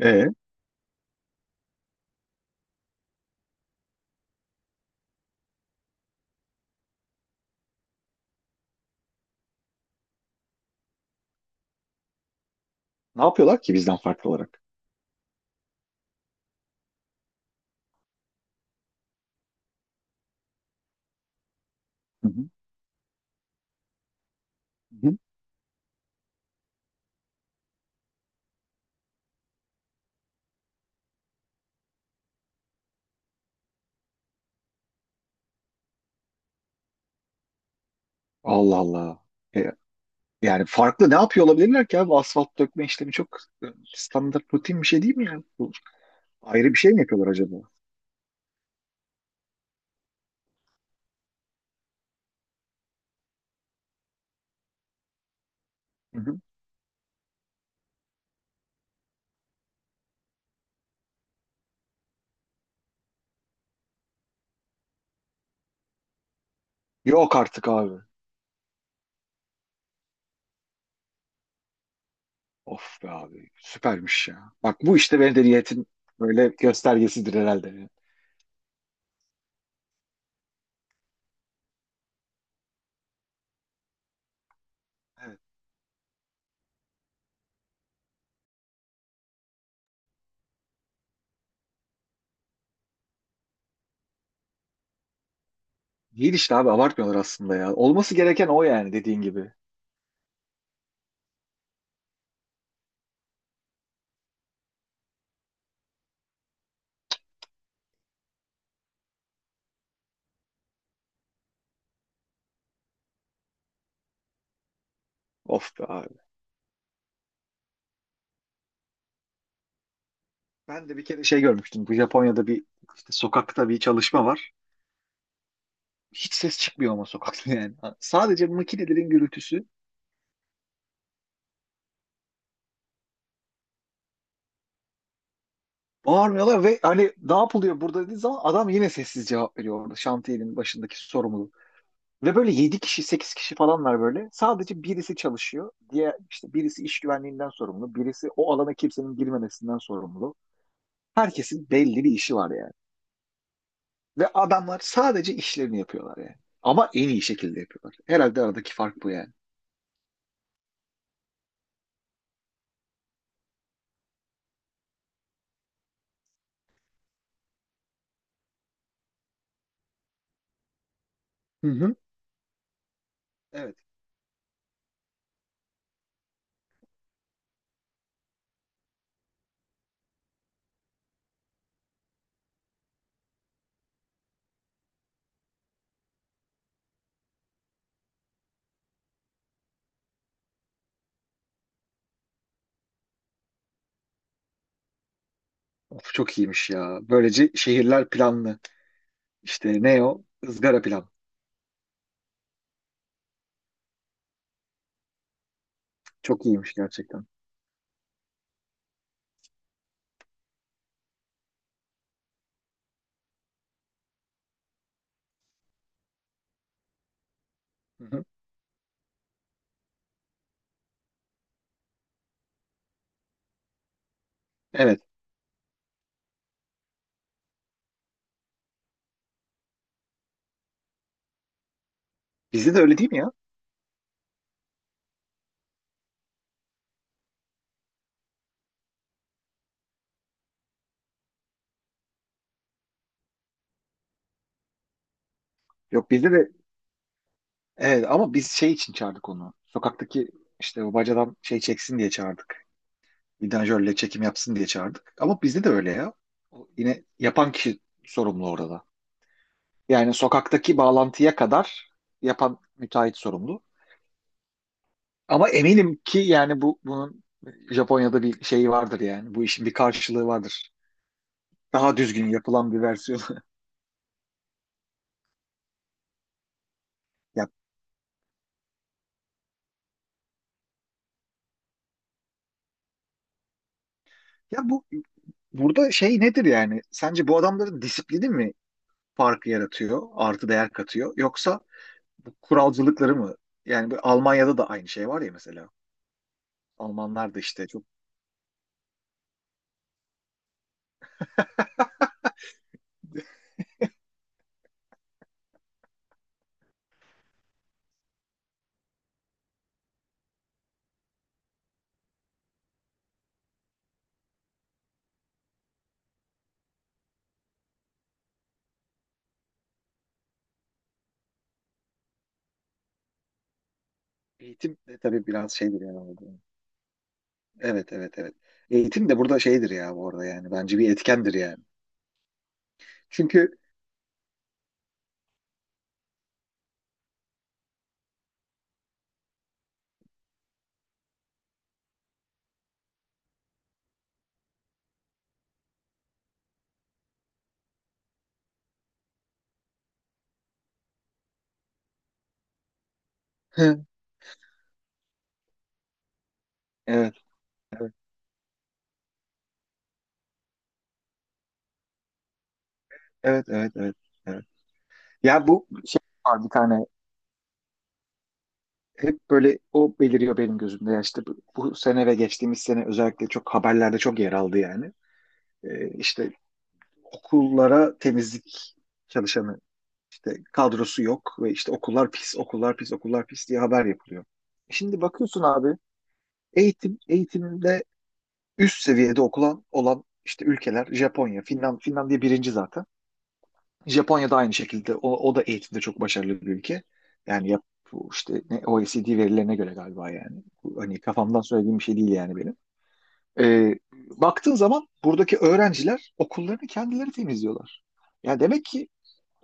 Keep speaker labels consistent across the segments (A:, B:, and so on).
A: E, Ne yapıyorlar ki bizden farklı olarak? Hı hı. Hı hı. Allah Allah. E, Yani farklı ne yapıyor olabilirler ki abi? Asfalt dökme işlemi çok e, standart rutin bir şey değil mi yani? Bu ayrı bir şey mi yapıyorlar acaba? Hı hı. Yok artık abi. Of be abi. Süpermiş ya. Bak bu işte medeniyetin böyle göstergesidir herhalde. Evet. Değil işte abi, abartmıyorlar aslında ya. Olması gereken o yani, dediğin gibi. Of be abi. Ben de bir kere şey görmüştüm. Bu Japonya'da bir işte sokakta bir çalışma var. Hiç ses çıkmıyor ama sokakta yani. Sadece makinelerin gürültüsü. Bağırmıyorlar ve hani ne yapılıyor burada dediği zaman adam yine sessiz cevap veriyor orada. Şantiyenin başındaki sorumlu. Ve böyle 7 kişi 8 kişi falan var böyle. Sadece birisi çalışıyor. Diye işte birisi iş güvenliğinden sorumlu. Birisi o alana kimsenin girmemesinden sorumlu. Herkesin belli bir işi var yani. Ve adamlar sadece işlerini yapıyorlar yani. Ama en iyi şekilde yapıyorlar. Herhalde aradaki fark bu yani. Hı hı. Evet. Of, çok iyiymiş ya. Böylece şehirler planlı. İşte ne o? Izgara pilav. Çok iyiymiş gerçekten. Hı hı. Evet. Bizde de öyle değil mi ya? Yok, bizde de evet, ama biz şey için çağırdık onu. Sokaktaki işte o bacadan şey çeksin diye çağırdık. Vidanjörle çekim yapsın diye çağırdık. Ama bizde de öyle ya. O yine yapan kişi sorumlu orada. Yani sokaktaki bağlantıya kadar yapan müteahhit sorumlu. Ama eminim ki yani bunun Japonya'da bir şeyi vardır yani. Bu işin bir karşılığı vardır. Daha düzgün yapılan bir versiyonu. Ya, ya, bu burada şey nedir yani? Sence bu adamların disiplini mi farkı yaratıyor, artı değer katıyor? Yoksa bu kuralcılıkları mı? Yani bu Almanya'da da aynı şey var ya mesela. Almanlar da işte çok. Eğitim de tabii biraz şeydir yani, orada. Evet, evet, evet. Eğitim de burada şeydir ya bu arada yani. Bence bir etkendir yani. Çünkü hı, evet, evet, evet, evet, evet. Evet. Ya bu şey var bir tane, hep böyle o beliriyor benim gözümde. Ya işte bu sene ve geçtiğimiz sene özellikle çok haberlerde çok yer aldı yani. İşte okullara temizlik çalışanı işte kadrosu yok ve işte okullar pis, okullar pis, okullar pis diye haber yapılıyor. Şimdi bakıyorsun abi, eğitimde üst seviyede okulan olan işte ülkeler Japonya, Finland, Finlandiya birinci zaten. Japonya da aynı şekilde o da eğitimde çok başarılı bir ülke. Yani yap, bu işte ne, OECD verilerine göre galiba yani. Bu hani kafamdan söylediğim bir şey değil yani benim. Baktığın zaman buradaki öğrenciler okullarını kendileri temizliyorlar. Yani demek ki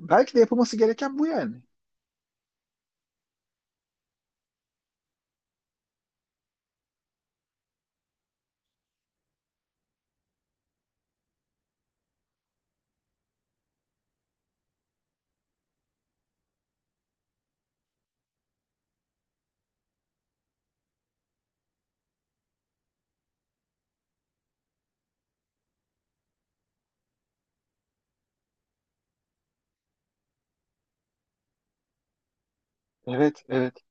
A: belki de yapılması gereken bu yani. Evet, evet.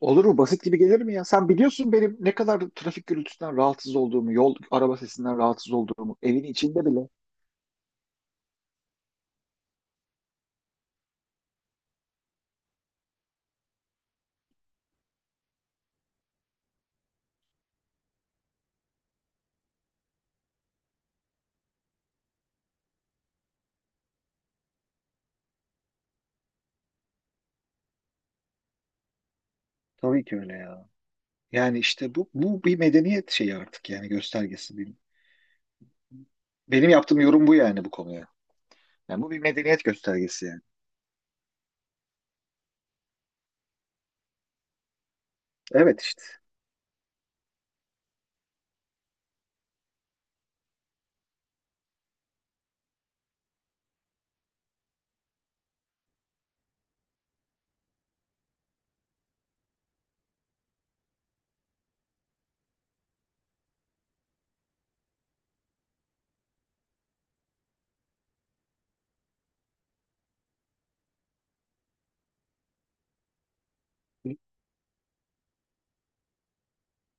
A: Olur mu? Basit gibi gelir mi ya? Sen biliyorsun benim ne kadar trafik gürültüsünden rahatsız olduğumu, yol araba sesinden rahatsız olduğumu, evin içinde bile. Tabii ki öyle ya. Yani işte bu bir medeniyet şeyi artık yani, göstergesi. Benim yaptığım yorum bu yani, bu konuya. Yani bu bir medeniyet göstergesi yani. Evet işte.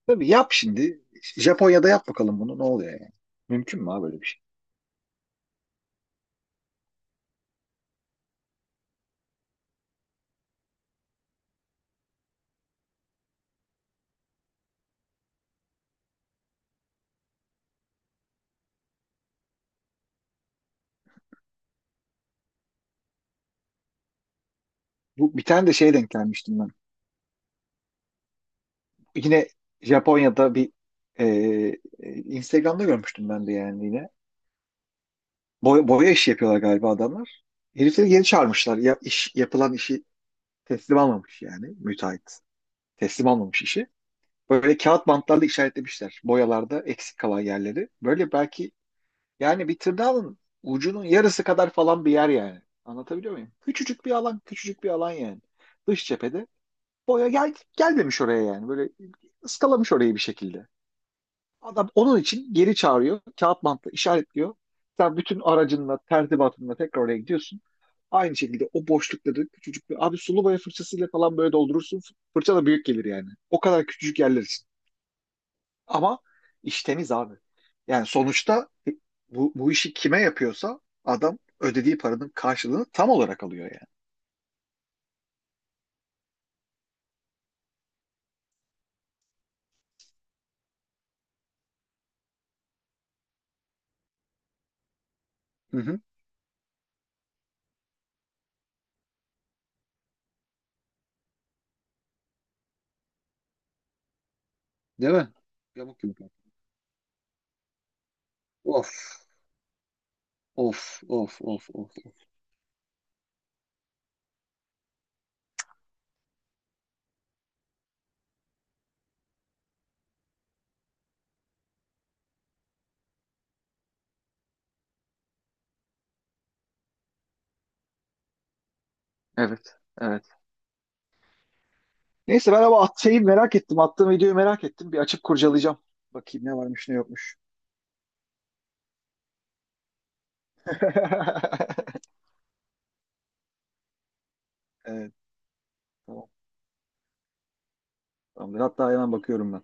A: Tabii yap şimdi. Japonya'da yap bakalım bunu, ne oluyor yani. Mümkün mü abi böyle bir şey? Bu bir tane de şeye denk gelmiştim ben. Yine Japonya'da bir e, Instagram'da görmüştüm ben de yani yine. Boya işi yapıyorlar galiba adamlar. Herifleri geri çağırmışlar. Ya, iş, yapılan işi teslim almamış yani müteahhit. Teslim almamış işi. Böyle kağıt bantlarla işaretlemişler. Boyalarda eksik kalan yerleri. Böyle belki yani bir tırnağın ucunun yarısı kadar falan bir yer yani. Anlatabiliyor muyum? Küçücük bir alan, küçücük bir alan yani. Dış cephede gelmemiş oraya yani. Böyle ıskalamış orayı bir şekilde. Adam onun için geri çağırıyor. Kağıt bantla işaretliyor. Sen bütün aracınla, tertibatınla tekrar oraya gidiyorsun. Aynı şekilde o boşlukları küçücük bir... Abi sulu boya fırçasıyla falan böyle doldurursun. Fırça da büyük gelir yani. O kadar küçücük yerler için. Ama iş temiz abi. Yani sonuçta bu işi kime yapıyorsa adam ödediği paranın karşılığını tam olarak alıyor yani. Hı hı. Değil mi? Yamuk yumuk. Of. Of. Of. Of. Of. Evet. Evet. Neyse ben ama at şeyi merak ettim. Attığım videoyu merak ettim. Bir açıp kurcalayacağım. Bakayım ne varmış ne yokmuş. Evet, tamam. Tamamdır. Hatta hemen bakıyorum ben.